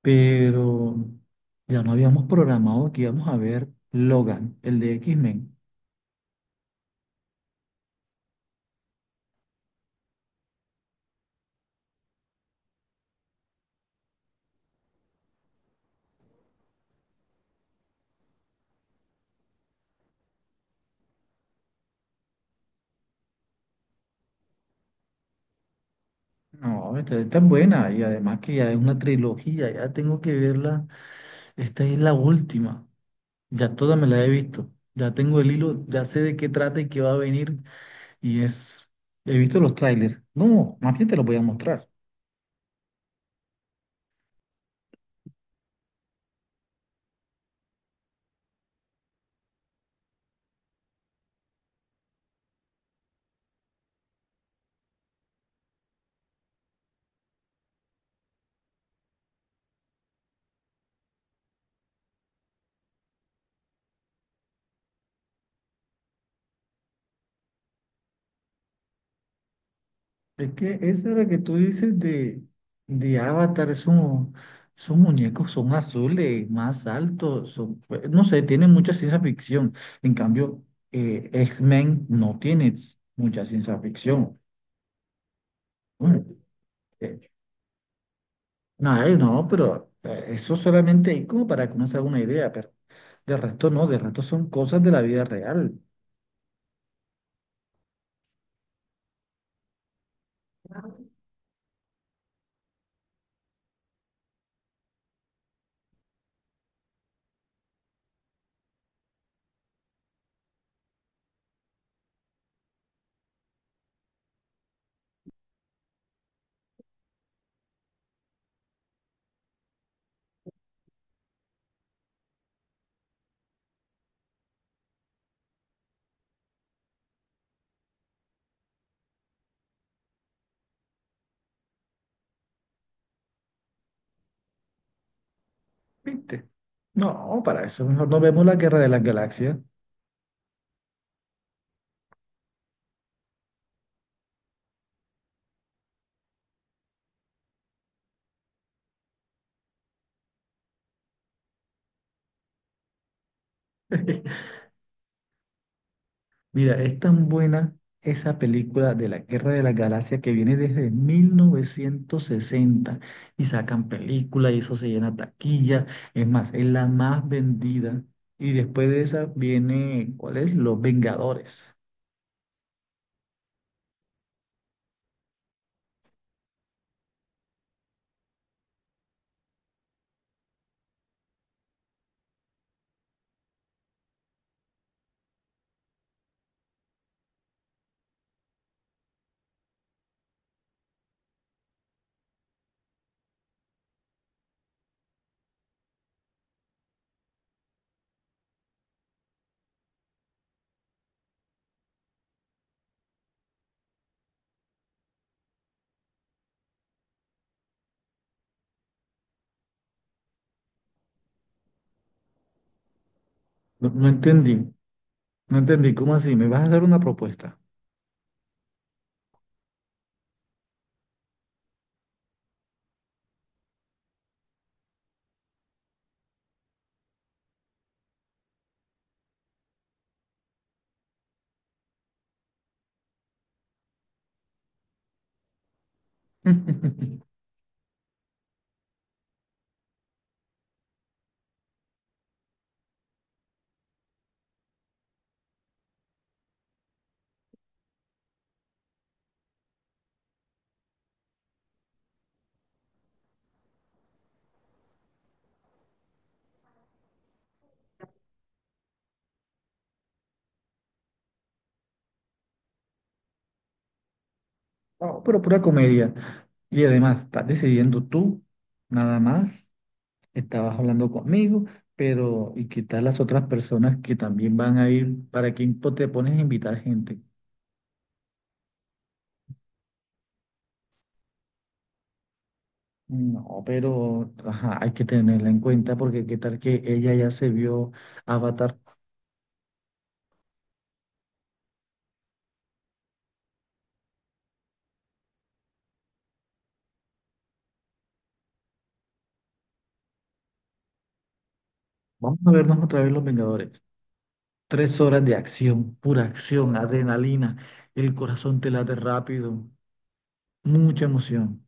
Pero ya no habíamos programado que íbamos a ver Logan, el de X-Men. No, esta es tan buena y además que ya es una trilogía, ya tengo que verla. Esta es la última, ya toda me la he visto, ya tengo el hilo, ya sé de qué trata y qué va a venir y es, he visto los trailers. No, más bien te los voy a mostrar. Es que esa es la que tú dices de, Avatar, son muñecos, son azules, más altos, pues, no sé, tienen mucha ciencia ficción. En cambio, X-Men no tiene mucha ciencia ficción. Bueno, eh, no, no, pero eso solamente hay como para que uno se haga una idea, pero de resto no, de resto son cosas de la vida real, ¿viste? No, para eso mejor no vemos la Guerra de las Galaxias. Mira, es tan buena esa película de la Guerra de la Galaxia que viene desde 1960 y sacan película y eso se llena taquilla. Es más, es la más vendida. Y después de esa viene, ¿cuál es? Los Vengadores. No, no entendí, no entendí. ¿Cómo así? ¿Me vas a dar una propuesta? No, pero pura comedia. Y además, estás decidiendo tú, nada más, estabas hablando conmigo, pero ¿y qué tal las otras personas que también van a ir? ¿Para quién te pones a invitar gente? No, pero ajá, hay que tenerla en cuenta porque qué tal que ella ya se vio Avatar. Vamos a vernos otra vez Los Vengadores. 3 horas de acción, pura acción, adrenalina, el corazón te late rápido, mucha emoción.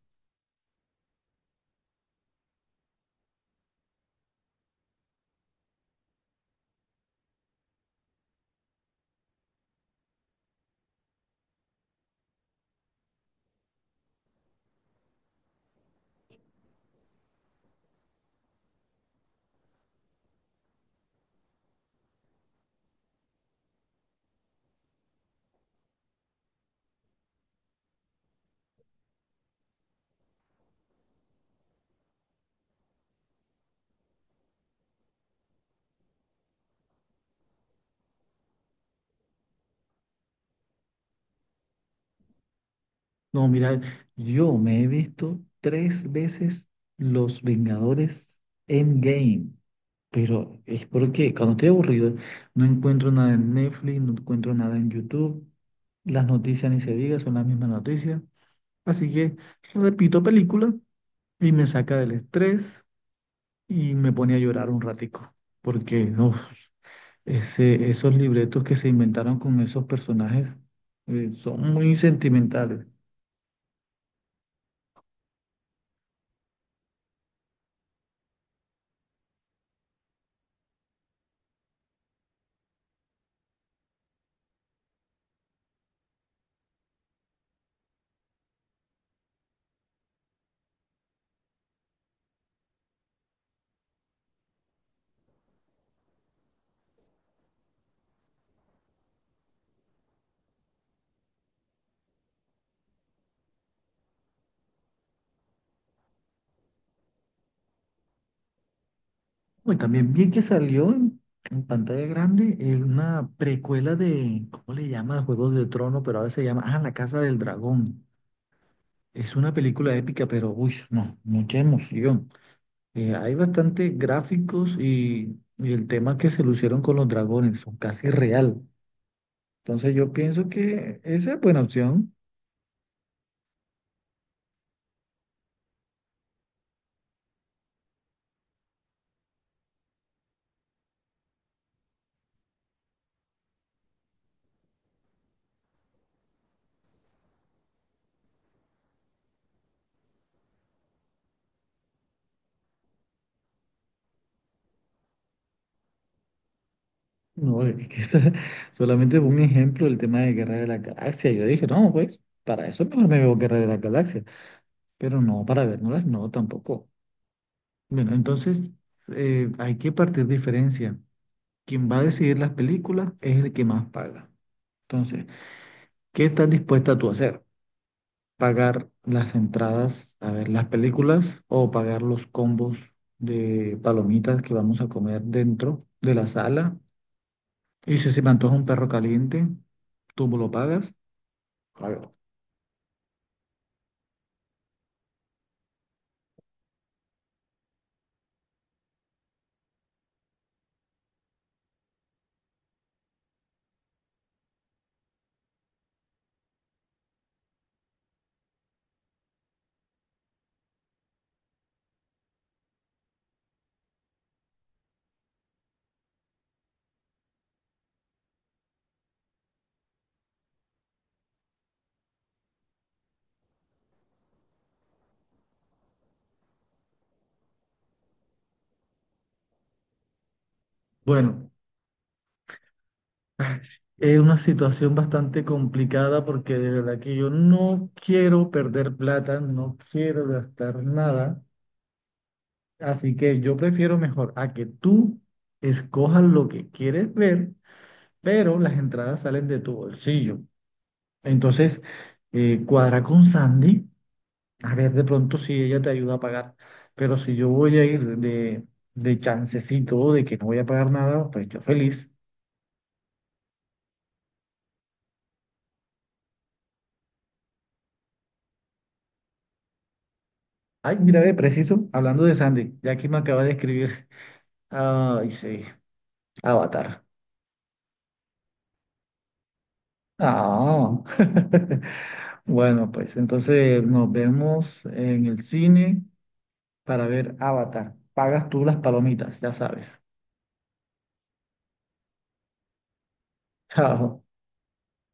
No, mira, yo me he visto 3 veces Los Vengadores Endgame, pero es porque cuando estoy aburrido no encuentro nada en Netflix, no encuentro nada en YouTube, las noticias ni se diga, son las mismas noticias, así que repito película y me saca del estrés y me pone a llorar un ratico, porque no, esos libretos que se inventaron con esos personajes son muy sentimentales. Bueno, y también vi que salió en pantalla grande una precuela de, ¿cómo le llama? Juegos de Trono, pero ahora se llama, ah, La Casa del Dragón. Es una película épica, pero, uy, no, mucha emoción. Hay bastante gráficos y el tema que se lucieron con los dragones, son casi real. Entonces yo pienso que esa es buena opción. No, es que esa solamente fue un ejemplo del tema de Guerra de la Galaxia. Yo dije, no, pues, para eso mejor me veo Guerra de la Galaxia. Pero no, para vernoslas, no, tampoco. Bueno, entonces hay que partir diferencia. Quien va a decidir las películas es el que más paga. Entonces, ¿qué estás dispuesta tú a hacer? ¿Pagar las entradas a ver las películas o pagar los combos de palomitas que vamos a comer dentro de la sala? Y si se me antoja un perro caliente, ¿tú me lo pagas? Claro. Bueno, es una situación bastante complicada porque de verdad que yo no quiero perder plata, no quiero gastar nada. Así que yo prefiero mejor a que tú escojas lo que quieres ver, pero las entradas salen de tu bolsillo. Entonces, cuadra con Sandy, a ver de pronto si ella te ayuda a pagar. Pero si yo voy a ir de, chancecito, de que no voy a pagar nada, pues yo feliz. Ay, mira, ve, preciso, hablando de Sandy, ya que me acaba de escribir. Ay, sí, Avatar. Ah. Bueno, pues entonces nos vemos en el cine, para ver Avatar. Pagas tú las palomitas, ya sabes. Chao.